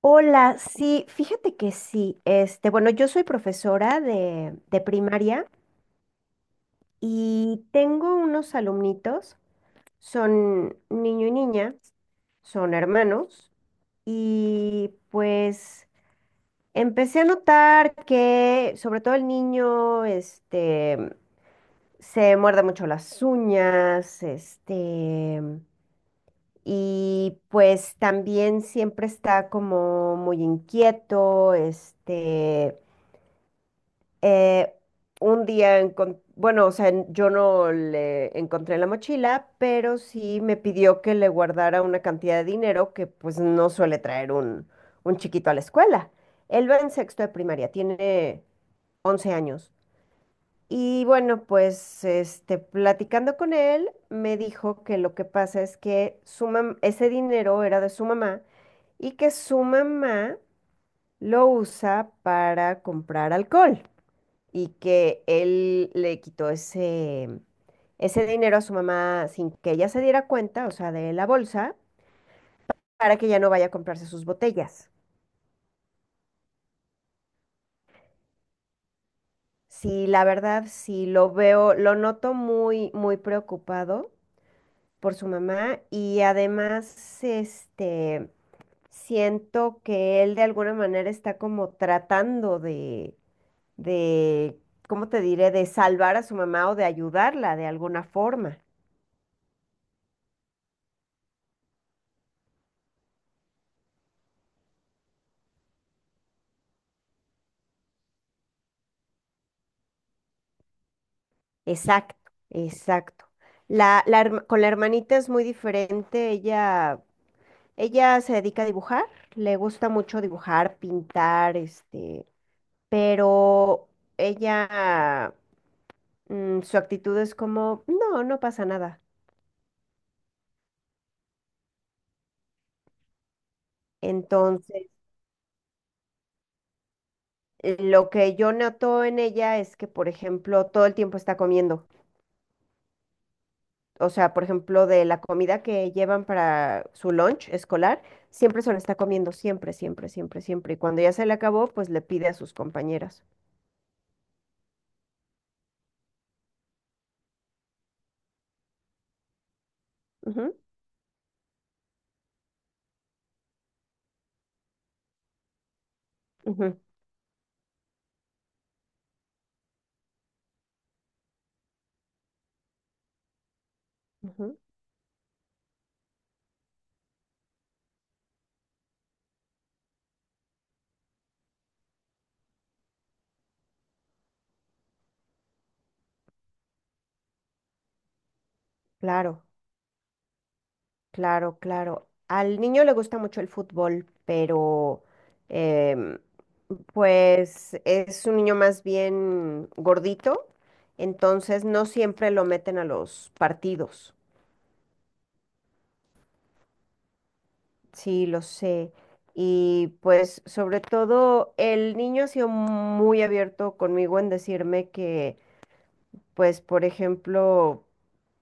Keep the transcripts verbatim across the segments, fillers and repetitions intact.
Hola, sí, fíjate que sí. Este, bueno, yo soy profesora de, de primaria y tengo unos alumnitos, son niño y niña, son hermanos, y pues empecé a notar que sobre todo el niño, este, se muerde mucho las uñas, este, y pues también siempre está como muy inquieto, este Eh, un día, encon- bueno, o sea, en- yo no le encontré la mochila, pero sí me pidió que le guardara una cantidad de dinero que pues no suele traer un, un chiquito a la escuela. Él va en sexto de primaria, tiene once años. Y bueno, pues este, platicando con él, me dijo que lo que pasa es que su mam- ese dinero era de su mamá y que su mamá lo usa para comprar alcohol y que él le quitó ese, ese dinero a su mamá sin que ella se diera cuenta, o sea, de la bolsa, para que ya no vaya a comprarse sus botellas. Sí, la verdad, sí lo veo, lo noto muy, muy preocupado por su mamá y además, este, siento que él de alguna manera está como tratando de, de, ¿cómo te diré?, de salvar a su mamá o de ayudarla de alguna forma. Exacto, exacto. La, la herma- con la hermanita es muy diferente. Ella, ella se dedica a dibujar, le gusta mucho dibujar, pintar, este, pero ella, mm, su actitud es como, no, no pasa nada. Entonces, eh, lo que yo noto en ella es que, por ejemplo, todo el tiempo está comiendo. O sea, por ejemplo, de la comida que llevan para su lunch escolar, siempre se lo está comiendo, siempre, siempre, siempre, siempre. Y cuando ya se le acabó, pues le pide a sus compañeras. Ujú, ujú, ujú. Claro, claro, claro. Al niño le gusta mucho el fútbol, pero em, pues es un niño más bien gordito, entonces no siempre lo meten a los partidos. Sí, lo sé. Y pues sobre todo el niño ha sido muy abierto conmigo en decirme que, pues por ejemplo,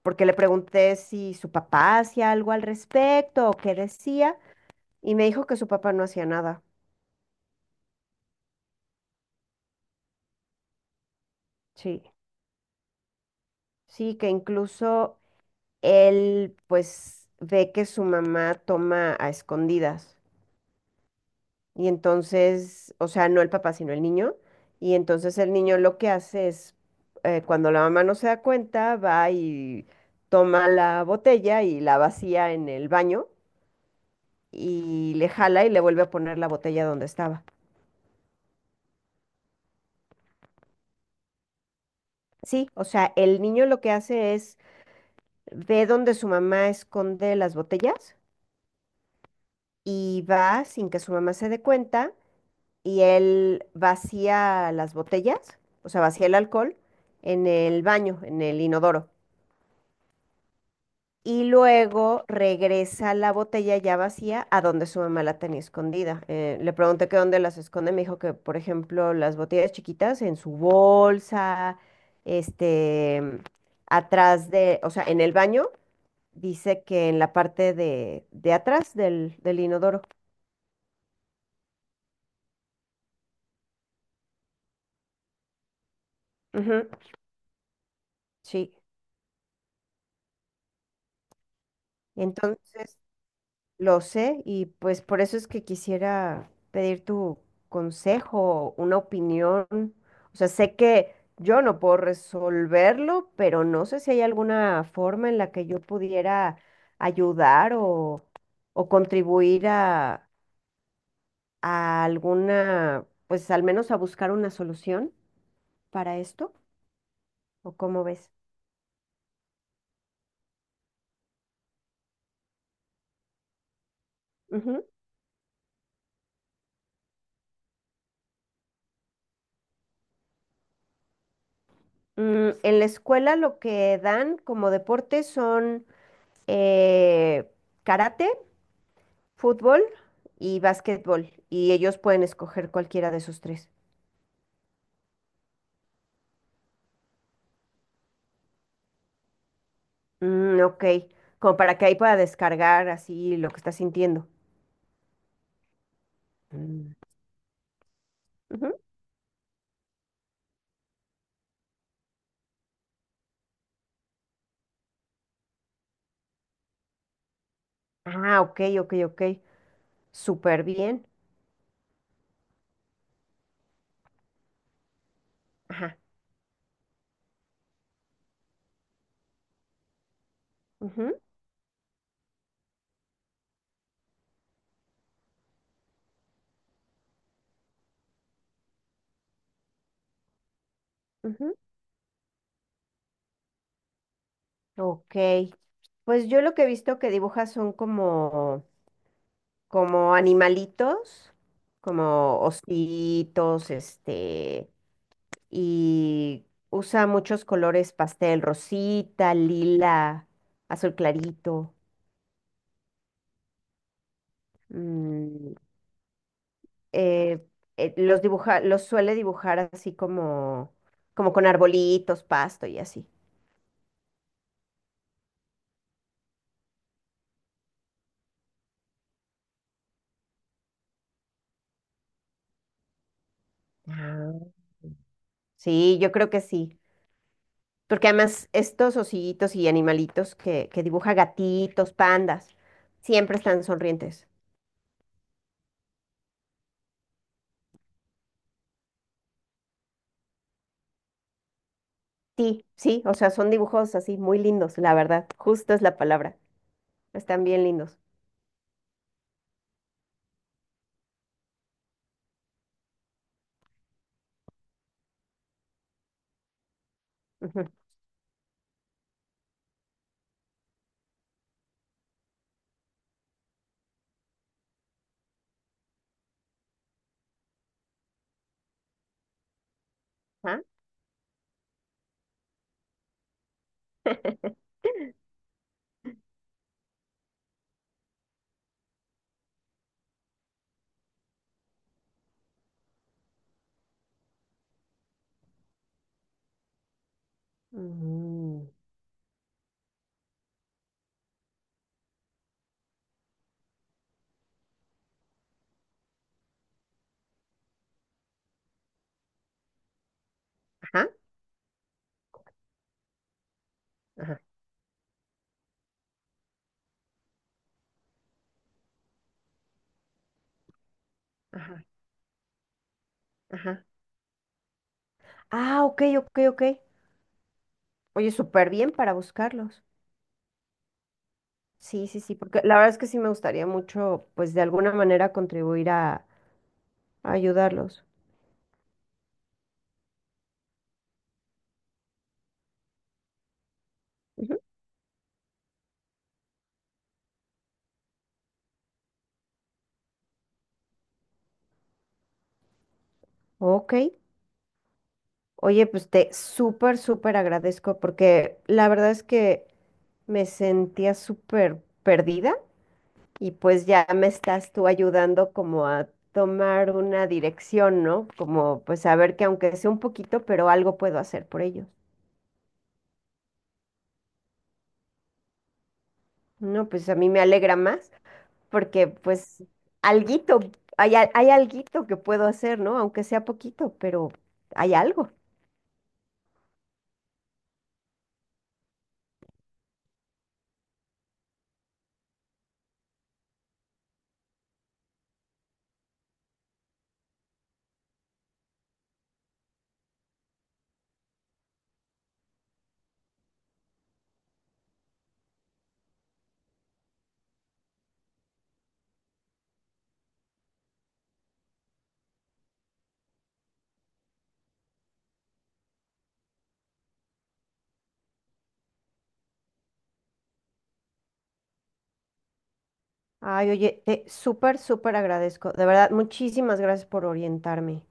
porque le pregunté si su papá hacía algo al respecto o qué decía, y me dijo que su papá no hacía nada. Sí, sí, que incluso él pues ve que su mamá toma a escondidas. Y entonces, o sea, no el papá, sino el niño. Y entonces el niño lo que hace es, eh, cuando la mamá no se da cuenta, va y toma la botella y la vacía en el baño y le jala y le vuelve a poner la botella donde estaba. Sí, o sea, el niño lo que hace es ve donde su mamá esconde las botellas y va sin que su mamá se dé cuenta y él vacía las botellas, o sea, vacía el alcohol en el baño, en el inodoro. Y luego regresa la botella ya vacía a donde su mamá la tenía escondida. Eh, le pregunté que dónde las esconde, me dijo que, por ejemplo, las botellas chiquitas en su bolsa, este, atrás de, o sea, en el baño, dice que en la parte de, de atrás del, del inodoro. Ujú, sí. Entonces, Lo sé y pues por eso es que quisiera pedir tu consejo, una opinión. O sea, sé que yo no puedo resolverlo, pero no sé si hay alguna forma en la que yo pudiera ayudar o, o contribuir a, a alguna, pues al menos a buscar una solución para esto, ¿o cómo ves? Ujú. Mm, en la escuela lo que dan como deporte son eh, karate. Fútbol y básquetbol, y ellos pueden escoger cualquiera de esos tres. Mm, ok, como para que ahí pueda descargar así lo que está sintiendo. Mm. Ujú. Ah, ok, ok, ok. Súper bien. Ajá. Ujú, ujú. Ok. Pues yo lo que he visto que dibujas son como, como animalitos, como ositos, este, y usa muchos colores pastel, rosita, lila, azul clarito. mm, eh, eh, los dibuja, los suele dibujar así como, como con arbolitos, pasto y así. Ah, sí, yo creo que sí. Porque además estos osillitos y animalitos que, que dibuja gatitos, pandas, siempre están sonrientes. Sí, sí, o sea, son dibujos así muy lindos, la verdad. Justo es la palabra. Están bien lindos. Ujú. Ah, mm, ajá, ajá, ajá, ajá. Ah, ok, ok, ok. Oye, súper bien para buscarlos. Sí, sí, sí, porque la verdad es que sí me gustaría mucho, pues de alguna manera contribuir a, a ayudarlos. Ujú. Ok. Oye, pues te súper, súper agradezco porque la verdad es que me sentía súper perdida y pues ya me estás tú ayudando como a tomar una dirección, ¿no? Como pues saber que aunque sea un poquito, pero algo puedo hacer por ellos. No, pues a mí me alegra más porque pues alguito, hay, al- hay alguito que puedo hacer, ¿no? Aunque sea poquito, pero hay algo. Ay, oye, te súper, súper agradezco. De verdad, muchísimas gracias por orientarme.